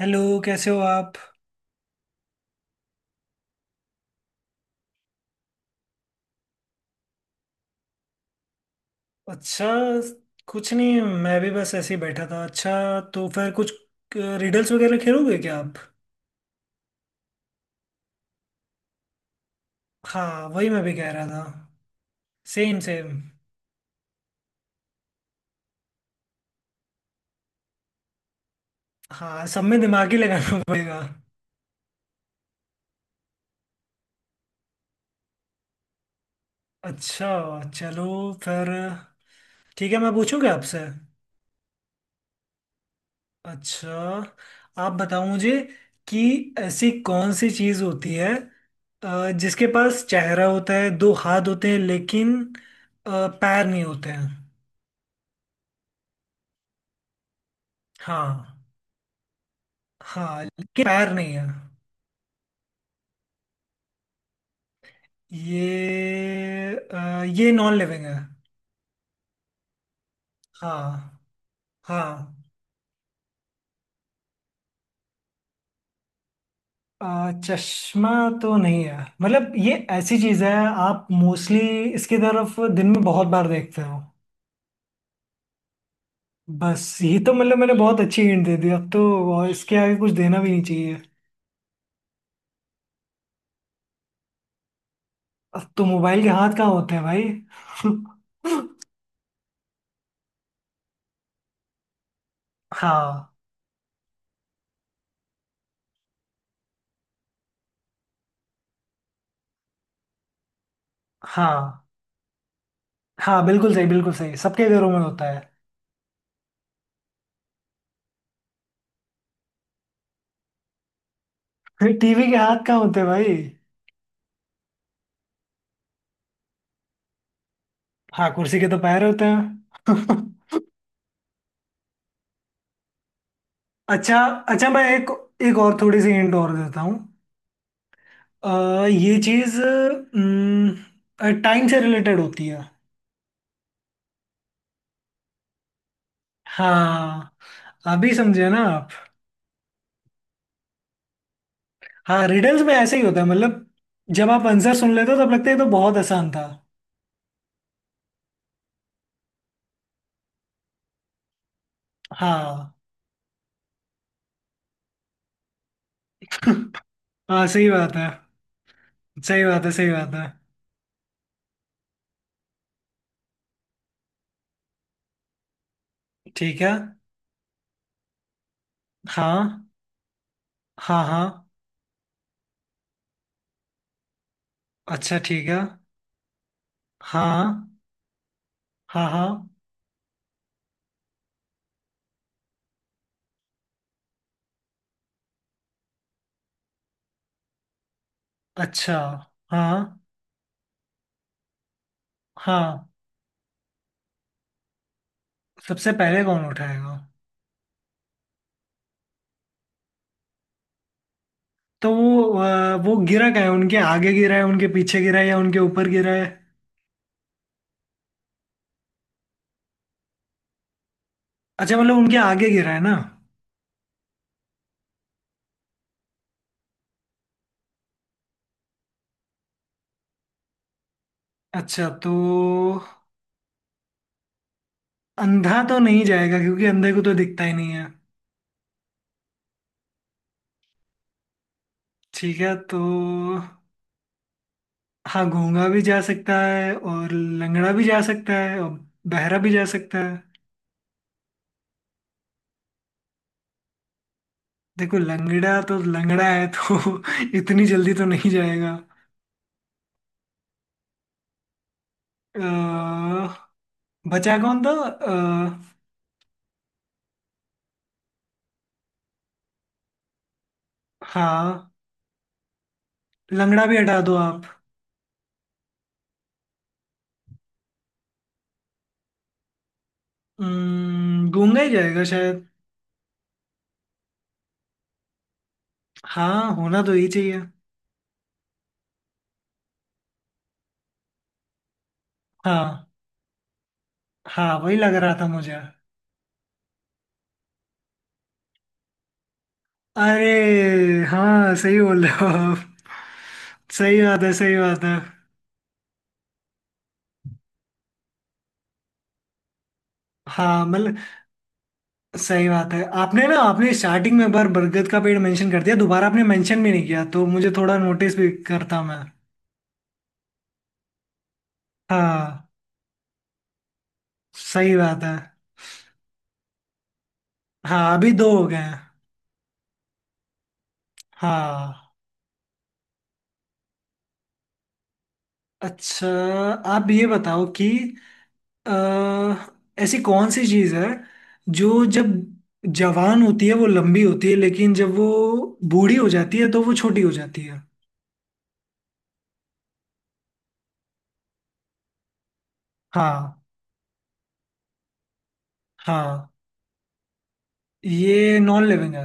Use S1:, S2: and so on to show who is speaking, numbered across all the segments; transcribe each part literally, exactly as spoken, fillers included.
S1: Hello. कैसे हो आप? अच्छा, कुछ नहीं, मैं भी बस ऐसे ही बैठा था। अच्छा, तो फिर कुछ रिडल्स वगैरह खेलोगे क्या आप? हाँ, वही मैं भी कह रहा था। Same same. हाँ, सब में दिमाग ही लगाना पड़ेगा। अच्छा, चलो फिर। ठीक है, मैं पूछूंगा आपसे। अच्छा, आप बताओ मुझे कि ऐसी कौन सी चीज़ होती है, अ, जिसके पास चेहरा होता है, दो हाथ होते हैं, लेकिन अ, पैर नहीं होते हैं। हाँ। हाँ, लेकिन पैर नहीं है। ये अ, ये नॉन लिविंग है। हाँ। हाँ, अ, चश्मा तो नहीं है। मतलब ये ऐसी चीज है, आप मोस्टली इसकी तरफ दिन में बहुत बार देखते हो। बस ये तो, मतलब मैंने बहुत अच्छी हिंट दे दी अब तो, और इसके आगे कुछ देना भी नहीं चाहिए। अब तो मोबाइल के हाथ कहाँ होते हैं भाई? हाँ हाँ। हाँ, बिल्कुल सही, बिल्कुल सही, सबके घरों में होता है। टीवी के हाथ कहाँ होते हैं भाई? हाँ, कुर्सी के तो पैर होते हैं। अच्छा, अच्छा, मैं एक एक और थोड़ी सी हिंट और देता हूँ। अ, ये चीज टाइम से रिलेटेड होती है। हाँ, अभी समझे ना आप। हाँ, रिडल्स में ऐसे ही होता है, मतलब जब आप आंसर सुन लेते हो तब लगता है ये तो बहुत आसान था। हाँ। हाँ, सही बात है, सही बात है, सही बात है। ठीक है। हाँ, हाँ, हाँ। अच्छा, ठीक है। हाँ, हाँ, हाँ। अच्छा। हाँ। हाँ, सबसे पहले कौन उठाएगा? तो वो अ, वो गिरा क्या है, उनके आगे गिरा है, उनके पीछे गिरा है, या उनके ऊपर गिरा है? अच्छा, मतलब उनके आगे गिरा है ना। अच्छा, तो अंधा तो नहीं जाएगा, क्योंकि अंधे को तो दिखता ही नहीं है। ठीक है, तो हाँ गूंगा भी जा सकता है, और लंगड़ा भी जा सकता है, और बहरा भी जा सकता है। देखो, लंगड़ा तो लंगड़ा है तो इतनी जल्दी तो नहीं जाएगा। अ, बचा कौन था? अ, हाँ, लंगड़ा भी हटा दो आप। हम्म, गूंगा ही जाएगा शायद। हाँ, होना तो ही चाहिए। हाँ, हाँ वही लग रहा था मुझे। अरे, हाँ सही बोल रहे हो आप। सही बात है, सही बात है। हाँ मतलब सही बात है, आपने ना आपने स्टार्टिंग में एक बार बरगद का पेड़ मेंशन कर दिया, दोबारा आपने मेंशन भी नहीं किया, तो मुझे थोड़ा नोटिस भी करता मैं। हाँ, सही बात है। हाँ, अभी दो हो गए हैं। हाँ। अच्छा, आप ये बताओ कि अह, ऐसी कौन सी चीज है जो जब जवान होती है वो लंबी होती है, लेकिन जब वो बूढ़ी हो जाती है तो वो छोटी हो जाती है। हाँ। हाँ, ये नॉन लिविंग है।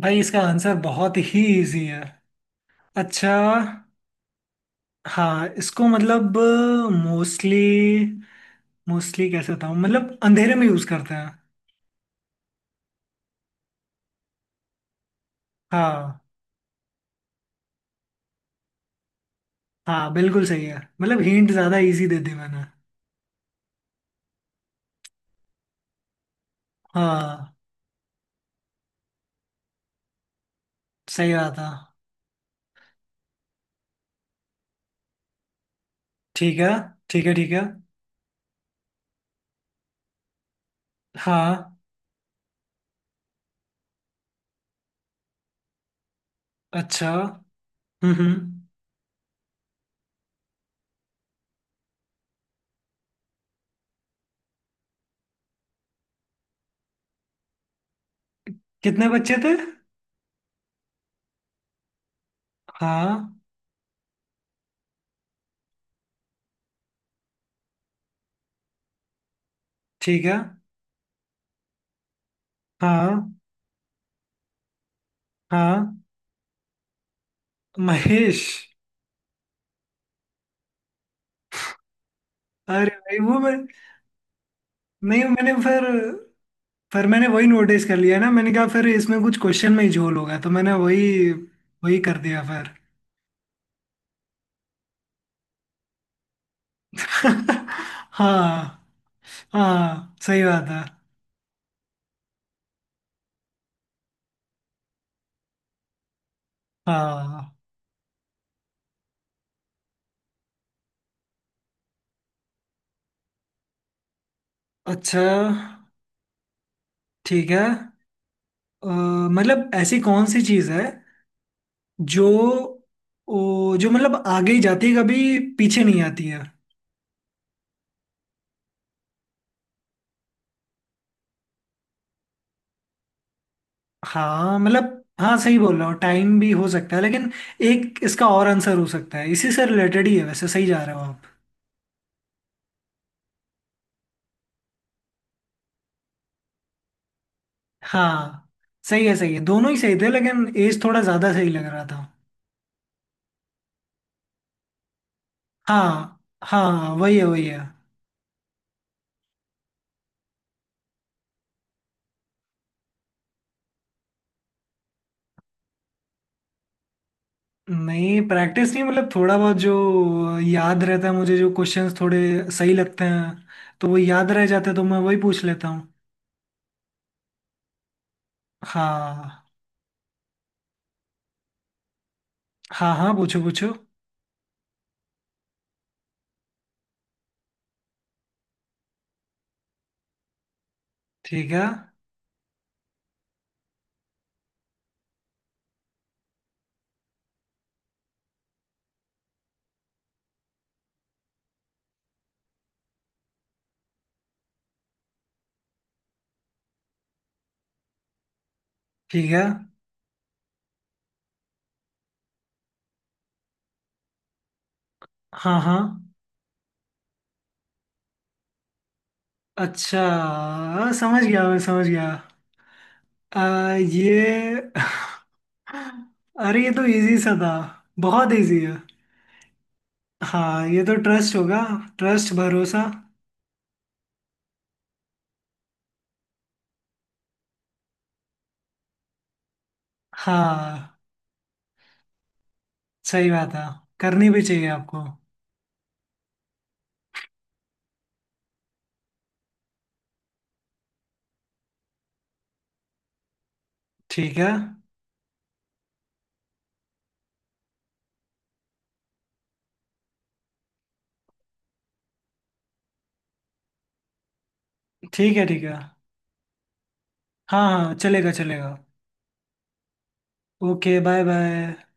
S1: भाई, इसका आंसर बहुत ही इजी है। अच्छा, हाँ, इसको मतलब मोस्टली, मोस्टली कैसे बताऊँ, मतलब अंधेरे में यूज करते हैं। हाँ। हाँ, बिल्कुल सही है। मतलब हिंट ज्यादा इजी दे दी मैंने। हाँ, सही रहा था। ठीक है, ठीक है, ठीक है। हाँ। अच्छा। हम्म हम्म। कितने बच्चे थे? हाँ। ठीक है। हाँ। हाँ, महेश। अरे भाई वो मैं, नहीं मैंने फिर फिर मैंने वही नोटिस कर लिया ना, मैंने कहा फिर इसमें कुछ क्वेश्चन में ही झोल होगा, तो मैंने वही वही कर दिया फिर। हाँ। हाँ, सही बात है। हाँ। अच्छा, ठीक है। अ, मतलब ऐसी कौन सी चीज है जो, ओ, जो मतलब आगे ही जाती है, कभी पीछे नहीं आती है। हाँ, मतलब हाँ, सही बोल रहा हो, टाइम भी हो सकता है, लेकिन एक इसका और आंसर हो सकता है, इसी से रिलेटेड ही है वैसे, सही जा रहे हो आप। हाँ, सही है, सही है, दोनों ही सही थे, लेकिन एज थोड़ा ज्यादा सही लग रहा था। हाँ, हाँ वही है, वही है। नहीं, प्रैक्टिस नहीं, मतलब थोड़ा बहुत जो याद रहता है मुझे, जो क्वेश्चंस थोड़े सही लगते हैं तो वो याद रह जाते हैं, तो मैं वही पूछ लेता हूँ। हाँ। हाँ, हाँ, पूछो पूछो। ठीक है। ठीक है। हाँ। हाँ, अच्छा, हाँ, समझ गया, मैं समझ गया। आ, ये अरे ये तो इजी सा था। बहुत इजी है। हाँ, ये तो ट्रस्ट होगा। ट्रस्ट, भरोसा। हाँ, सही बात है। करनी भी चाहिए आपको। ठीक है, ठीक है, ठीक है। हाँ, हाँ, चलेगा चलेगा। Okay, bye bye.